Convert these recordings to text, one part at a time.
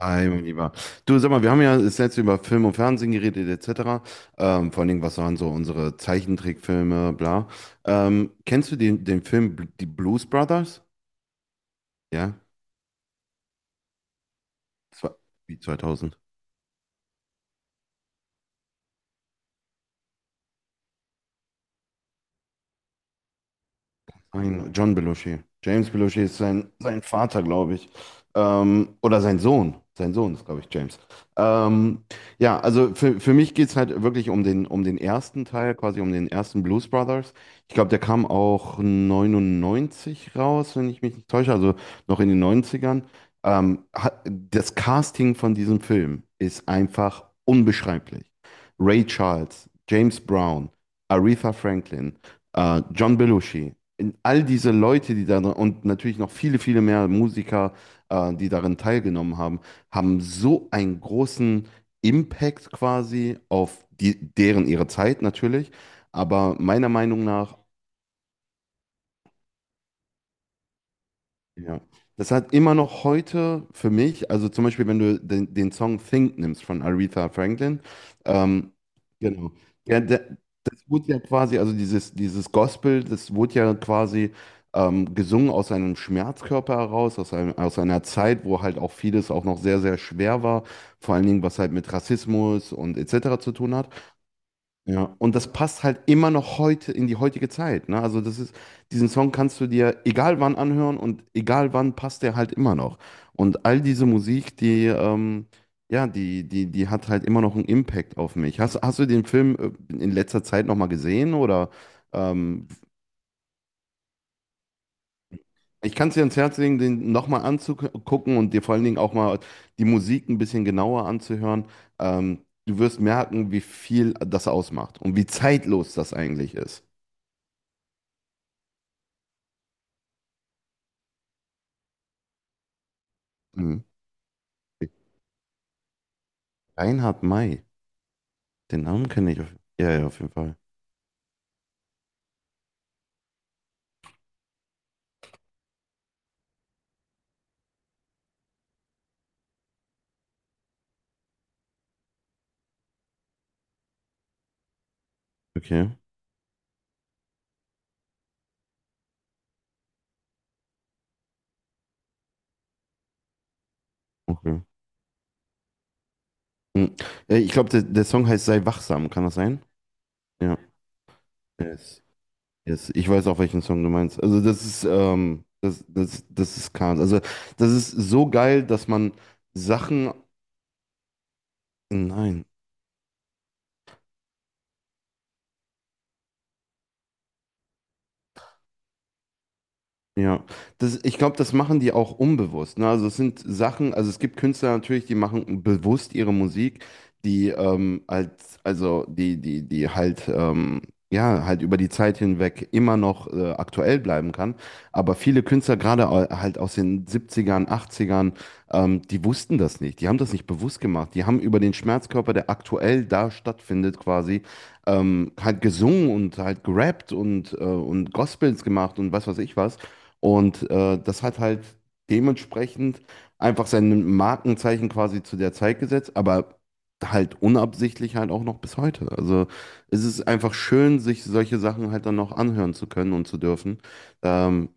Hi, mein Lieber. Du, sag mal, wir haben ja das letzte über Film und Fernsehen geredet, etc. Vor allen Dingen, was waren so unsere Zeichentrickfilme, bla. Kennst du den Film Die Blues Brothers? Ja, das war wie 2000. Ein John Belushi. James Belushi ist sein Vater, glaube ich. Oder sein Sohn. Sein Sohn ist, glaube ich, James. Ähm, ja, also für mich geht es halt wirklich um den ersten Teil, quasi um den ersten Blues Brothers. Ich glaube, der kam auch 99 raus, wenn ich mich nicht täusche, also noch in den Neunzigern. Das Casting von diesem Film ist einfach unbeschreiblich. Ray Charles, James Brown, Aretha Franklin, John Belushi in all diese Leute, die da und natürlich noch viele, viele mehr Musiker, die darin teilgenommen haben, haben so einen großen Impact quasi auf die, deren ihre Zeit natürlich, aber meiner Meinung nach. Ja. Das hat immer noch heute für mich, also zum Beispiel, wenn du den Song Think nimmst von Aretha Franklin, ähm, genau. Ja, das wurde ja quasi, also dieses Gospel, das wurde ja quasi gesungen aus einem Schmerzkörper heraus, aus einer Zeit, wo halt auch vieles auch noch sehr, sehr schwer war, vor allen Dingen, was halt mit Rassismus und etc. zu tun hat. Ja, und das passt halt immer noch heute in die heutige Zeit, ne? Also das ist, diesen Song kannst du dir egal wann anhören und egal wann passt der halt immer noch. Und all diese Musik, ja, die hat halt immer noch einen Impact auf mich. Hast du den Film in letzter Zeit nochmal gesehen? Oder ähm, ich kann es dir ans Herz legen, den nochmal anzugucken und dir vor allen Dingen auch mal die Musik ein bisschen genauer anzuhören. Ähm, du wirst merken, wie viel das ausmacht und wie zeitlos das eigentlich ist. Mhm. Reinhard May. Den Namen kenne ich ja, ja, auf jeden Fall. Okay. Okay. Hm. Ich glaube, der Song heißt Sei wachsam, kann das sein? Ja. Yes. Yes. Ich weiß auch, welchen Song du meinst. Also das ist, das ist Kahn. Also das ist so geil, dass man Sachen. Nein. Ja, ich glaube, das machen die auch unbewusst. Ne? Also es sind Sachen, also es gibt Künstler natürlich, die machen bewusst ihre Musik, die also die halt, ja, halt über die Zeit hinweg immer noch aktuell bleiben kann. Aber viele Künstler, gerade halt aus den Siebzigern, Achtzigern, die wussten das nicht. Die haben das nicht bewusst gemacht. Die haben über den Schmerzkörper, der aktuell da stattfindet, quasi, halt gesungen und halt gerappt und Gospels gemacht und was weiß ich was. Und das hat halt dementsprechend einfach sein Markenzeichen quasi zu der Zeit gesetzt, aber halt unabsichtlich halt auch noch bis heute. Also es ist einfach schön, sich solche Sachen halt dann noch anhören zu können und zu dürfen. Ähm,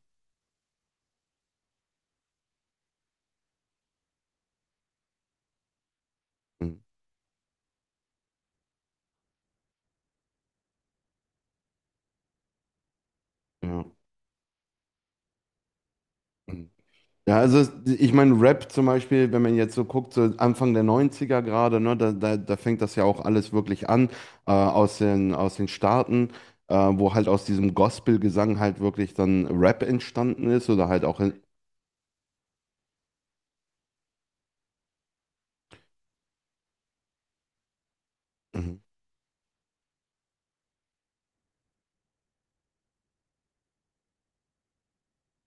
ja. Ja, also ich meine, Rap zum Beispiel, wenn man jetzt so guckt, so Anfang der Neunziger gerade, ne, da fängt das ja auch alles wirklich an, aus aus den Staaten, wo halt aus diesem Gospel-Gesang halt wirklich dann Rap entstanden ist oder halt auch in, Mhm,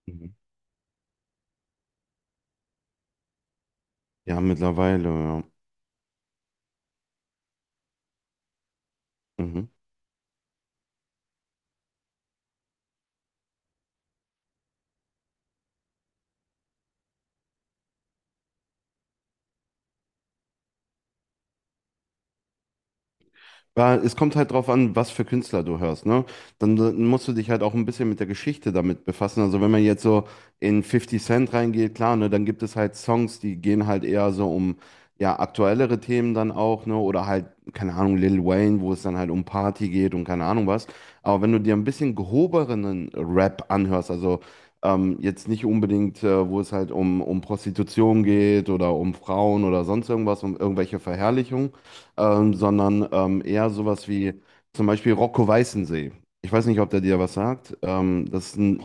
mhm. Ja, mittlerweile, ja. Mhm. Weil es kommt halt drauf an, was für Künstler du hörst, ne? Dann musst du dich halt auch ein bisschen mit der Geschichte damit befassen. Also wenn man jetzt so in Fifty Cent reingeht, klar, ne, dann gibt es halt Songs, die gehen halt eher so um ja aktuellere Themen dann auch, ne? Oder halt, keine Ahnung, Lil Wayne, wo es dann halt um Party geht und keine Ahnung was. Aber wenn du dir ein bisschen gehobenen Rap anhörst, also jetzt nicht unbedingt, wo es halt um Prostitution geht oder um Frauen oder sonst irgendwas, um irgendwelche Verherrlichungen, sondern eher sowas wie zum Beispiel Rocco Weißensee. Ich weiß nicht, ob der dir was sagt. Das ist ein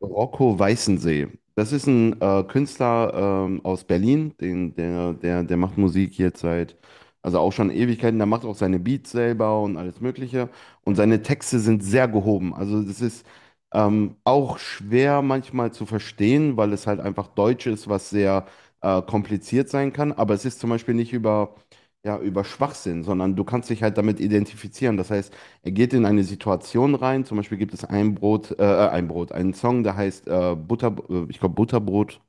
Rocco Weißensee. Das ist ein Künstler aus Berlin, der macht Musik jetzt seit, also auch schon Ewigkeiten. Der macht auch seine Beats selber und alles Mögliche. Und seine Texte sind sehr gehoben. Also das ist auch schwer manchmal zu verstehen, weil es halt einfach Deutsch ist, was sehr kompliziert sein kann. Aber es ist zum Beispiel nicht ja, über Schwachsinn, sondern du kannst dich halt damit identifizieren. Das heißt, er geht in eine Situation rein. Zum Beispiel gibt es einen Song, der heißt ich glaube Butterbrot,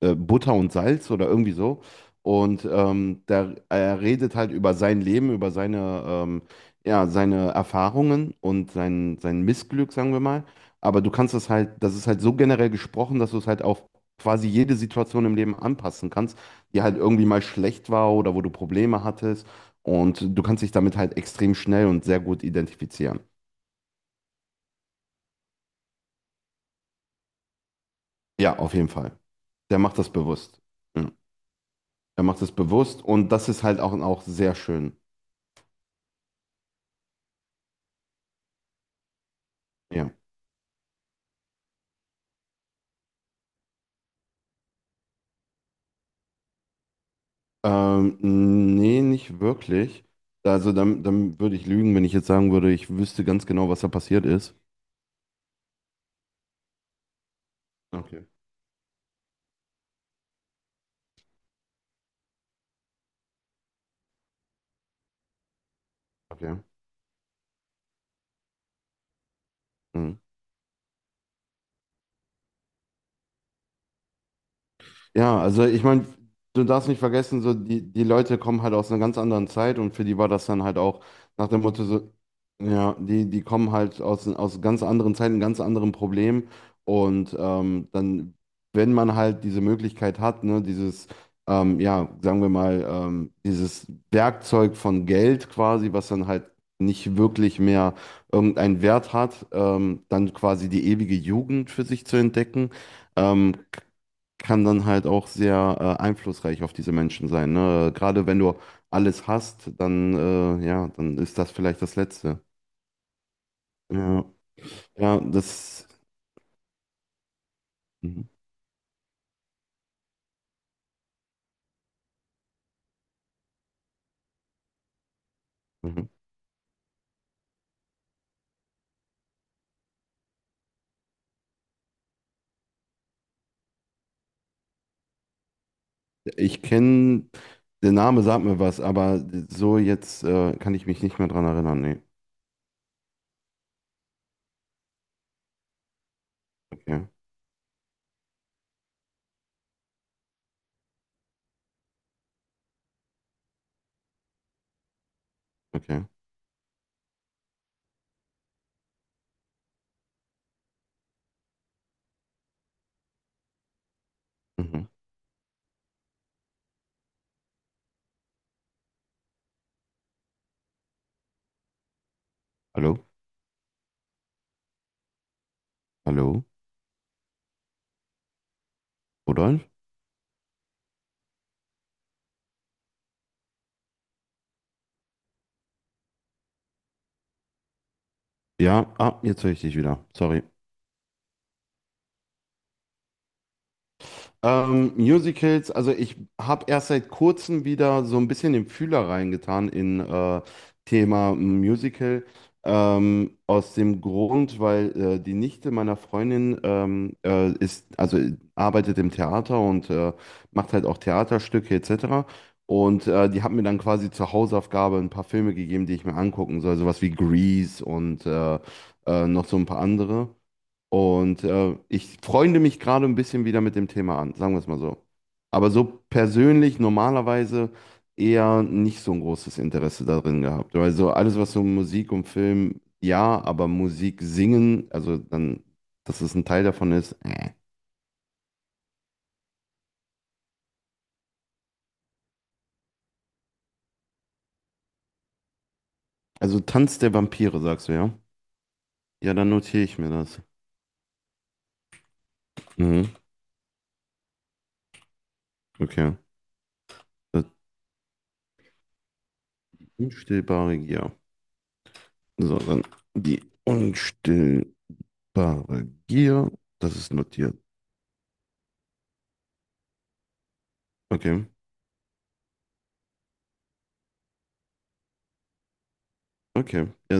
Butter und Salz oder irgendwie so. Und er redet halt über sein Leben, über ja, seine Erfahrungen und sein Missglück, sagen wir mal. Aber du kannst es halt, das ist halt so generell gesprochen, dass du es halt auf quasi jede Situation im Leben anpassen kannst, die halt irgendwie mal schlecht war oder wo du Probleme hattest. Und du kannst dich damit halt extrem schnell und sehr gut identifizieren. Ja, auf jeden Fall. Der macht das bewusst. Ja, er macht das bewusst und das ist halt auch, auch sehr schön. Ja. Nee, nicht wirklich. Also dann würde ich lügen, wenn ich jetzt sagen würde, ich wüsste ganz genau, was da passiert ist. Okay, okay. Mhm. Ja, also ich meine, du darfst nicht vergessen, so die Leute kommen halt aus einer ganz anderen Zeit und für die war das dann halt auch nach dem Motto so, ja, die kommen halt aus ganz anderen Zeiten, ganz anderen Problemen und wenn man halt diese Möglichkeit hat, ne, ja, sagen wir mal, dieses Werkzeug von Geld quasi, was dann halt nicht wirklich mehr irgendeinen Wert hat, dann quasi die ewige Jugend für sich zu entdecken. Ähm, kann dann halt auch sehr einflussreich auf diese Menschen sein, ne? Gerade wenn du alles hast, ja, dann ist das vielleicht das Letzte. Ja, ja, das. Mhm. Mhm. Ich kenne, der Name sagt mir was, aber so jetzt kann ich mich nicht mehr dran erinnern. Nee. Okay, okay. Mhm. Hallo? Hallo? Rudolf? Ja, jetzt höre ich dich wieder. Sorry. Musicals, also ich habe erst seit kurzem wieder so ein bisschen den Fühler reingetan in Thema Musical. Aus dem Grund, weil die Nichte meiner Freundin ist, also arbeitet im Theater und macht halt auch Theaterstücke etc. Und die hat mir dann quasi zur Hausaufgabe ein paar Filme gegeben, die ich mir angucken soll, sowas wie Grease und noch so ein paar andere. Und ich freunde mich gerade ein bisschen wieder mit dem Thema an, sagen wir es mal so. Aber so persönlich normalerweise eher nicht so ein großes Interesse darin gehabt. Also alles, was so Musik und Film, ja, aber Musik singen, also dann, dass es ein Teil davon ist. Also Tanz der Vampire, sagst du, ja? Ja, dann notiere ich mir das. Mhm, okay. Das unstillbare Gier. So, dann die unstillbare Gier, das ist notiert. Okay, okay. Ja,